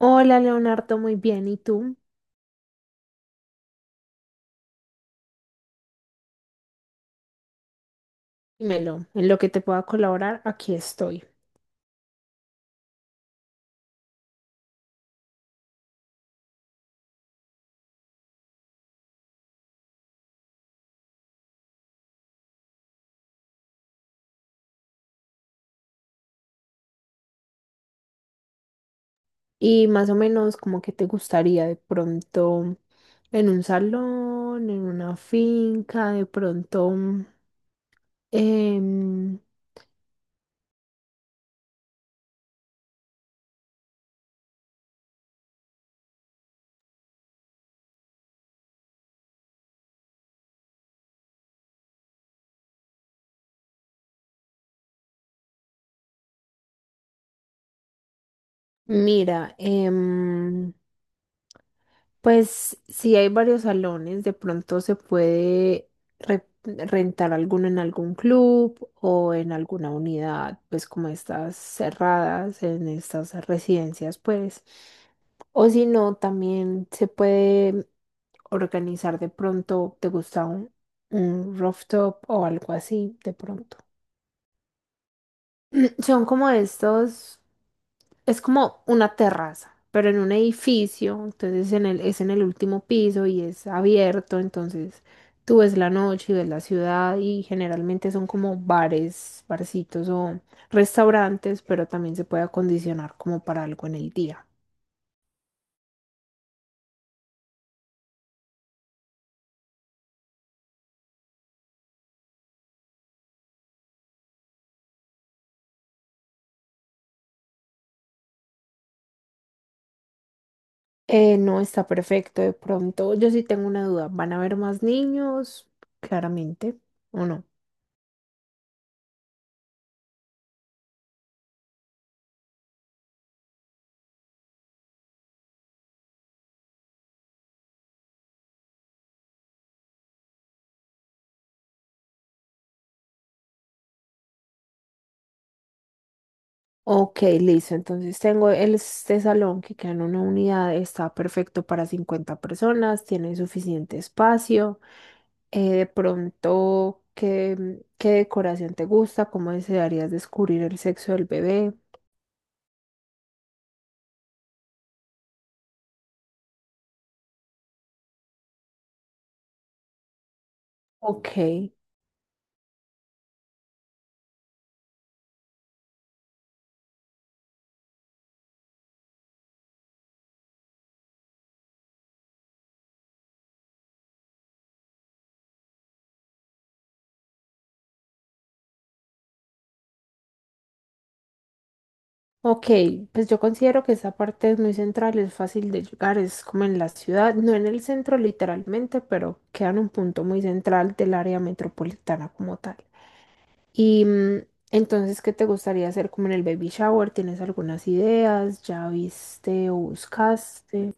Hola Leonardo, muy bien. ¿Y tú? Dímelo, en lo que te pueda colaborar, aquí estoy. Y más o menos, como que te gustaría de pronto en un salón, en una finca, ¿de pronto? Em, Mira, pues si hay varios salones, de pronto se puede rentar alguno en algún club o en alguna unidad, pues como estas cerradas, en estas residencias, pues. O si no, también se puede organizar de pronto, ¿te gusta un rooftop o algo así de pronto? Son como estos. Es como una terraza, pero en un edificio, entonces en el, es en el último piso y es abierto, entonces tú ves la noche y ves la ciudad y generalmente son como bares, barcitos o restaurantes, pero también se puede acondicionar como para algo en el día. No, está perfecto, de pronto yo sí tengo una duda, ¿van a haber más niños? Claramente, ¿o no? Ok, listo. Entonces tengo este salón que queda en una unidad, está perfecto para 50 personas, tiene suficiente espacio. De pronto, ¿qué, qué decoración te gusta? ¿Cómo desearías descubrir el sexo del bebé? Ok, ok. Pues yo considero que esa parte es muy central, es fácil de llegar, es como en la ciudad, no en el centro literalmente, pero queda en un punto muy central del área metropolitana como tal. Y entonces, ¿qué te gustaría hacer como en el baby shower? ¿Tienes algunas ideas? ¿Ya viste o buscaste?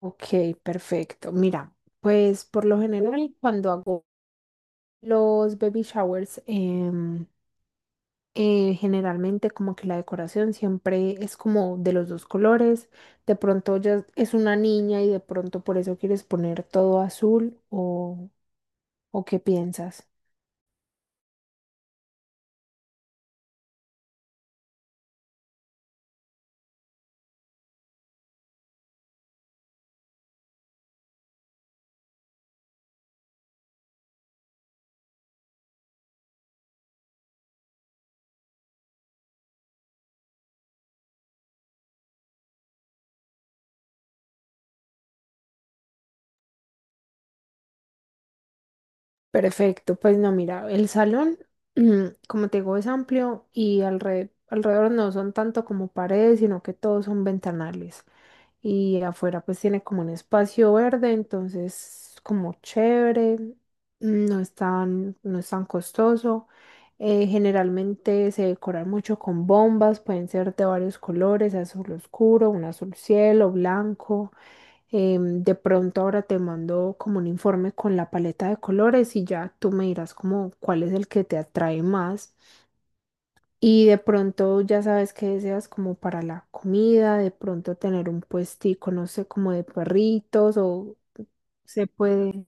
Ok, perfecto. Mira, pues por lo general cuando hago los baby showers, generalmente como que la decoración siempre es como de los dos colores. De pronto ya es una niña y de pronto por eso quieres poner todo azul ¿o qué piensas? Perfecto, pues no, mira, el salón, como te digo, es amplio y alrededor no son tanto como paredes, sino que todos son ventanales. Y afuera pues tiene como un espacio verde, entonces como chévere, no es tan, no es tan costoso. Generalmente se decoran mucho con bombas, pueden ser de varios colores, azul oscuro, un azul cielo, blanco. De pronto ahora te mando como un informe con la paleta de colores y ya tú me dirás como cuál es el que te atrae más. Y de pronto ya sabes qué deseas como para la comida, de pronto tener un puestico, no sé, como de perritos o se puede,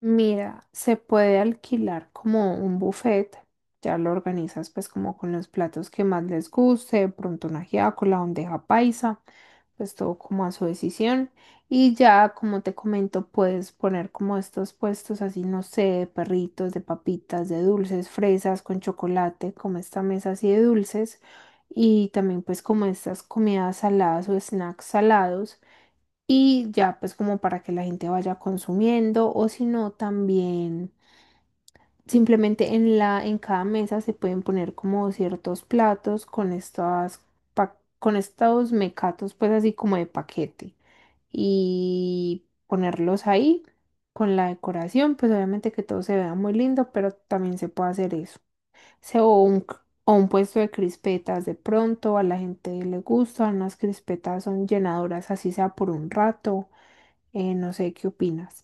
mira, se puede alquilar como un buffet. Ya lo organizas pues como con los platos que más les guste, de pronto una ajiaco, la bandeja paisa. Pues todo como a su decisión. Y ya, como te comento, puedes poner como estos puestos así, no sé, de perritos, de papitas, de dulces, fresas con chocolate, como esta mesa así de dulces. Y también pues como estas comidas saladas o snacks salados. Y ya pues como para que la gente vaya consumiendo o si no también simplemente en la, en cada mesa se pueden poner como ciertos platos con estas, con estos mecatos, pues así como de paquete. Y ponerlos ahí con la decoración, pues obviamente que todo se vea muy lindo, pero también se puede hacer eso. Se, o un, c- O un puesto de crispetas de pronto, a la gente le gustan, las crispetas son llenadoras, así sea por un rato. No sé, ¿qué opinas?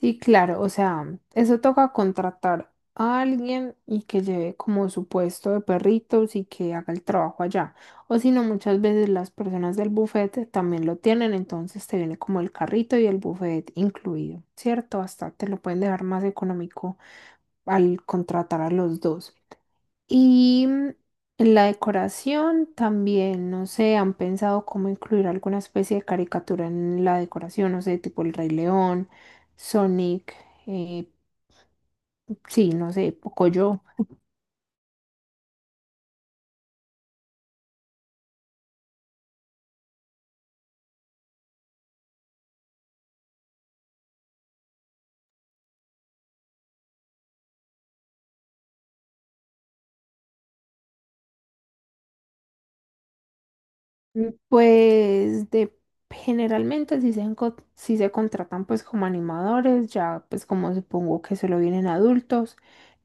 Sí, claro, o sea, eso toca contratar a alguien y que lleve como su puesto de perritos y que haga el trabajo allá. O si no, muchas veces las personas del buffet también lo tienen, entonces te viene como el carrito y el buffet incluido, ¿cierto? Hasta te lo pueden dejar más económico al contratar a los dos. Y en la decoración también, no sé, han pensado cómo incluir alguna especie de caricatura en la decoración, no sé, tipo el Rey León, Sonic, eh, sí, no sé, Pocoyo. Mm, Pues de Generalmente si se, si se contratan pues como animadores, ya pues como supongo que solo vienen adultos,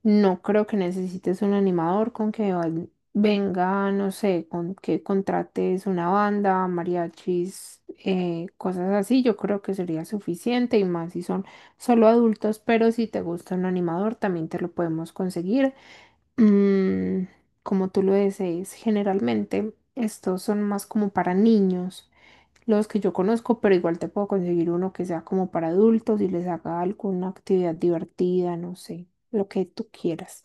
no creo que necesites un animador con que venga, no sé, con que contrates una banda, mariachis, cosas así, yo creo que sería suficiente y más si son solo adultos, pero si te gusta un animador también te lo podemos conseguir. Mm, Como tú lo desees, generalmente estos son más como para niños, los que yo conozco, pero igual te puedo conseguir uno que sea como para adultos y les haga alguna actividad divertida, no sé, lo que tú quieras.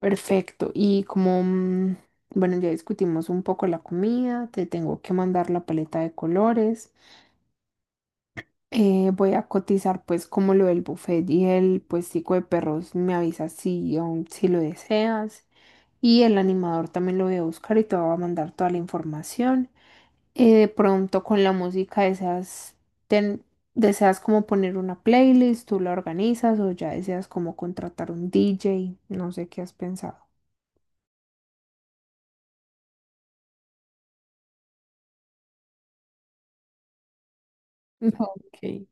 Perfecto. Y como, bueno, ya discutimos un poco la comida, te tengo que mandar la paleta de colores. Voy a cotizar pues como lo del buffet y el puestico de perros, me avisas si, si lo deseas. Y el animador también lo voy a buscar y te va a mandar toda la información. De pronto con la música deseas, ten- deseas como poner una playlist, tú la organizas o ya deseas como contratar un DJ, no sé qué has pensado. Ok.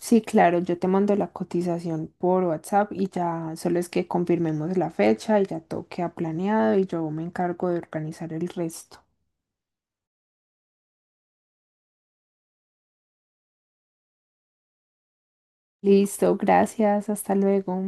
Sí, claro, yo te mando la cotización por WhatsApp y ya solo es que confirmemos la fecha y ya todo queda planeado y yo me encargo de organizar el resto. Listo, gracias, hasta luego.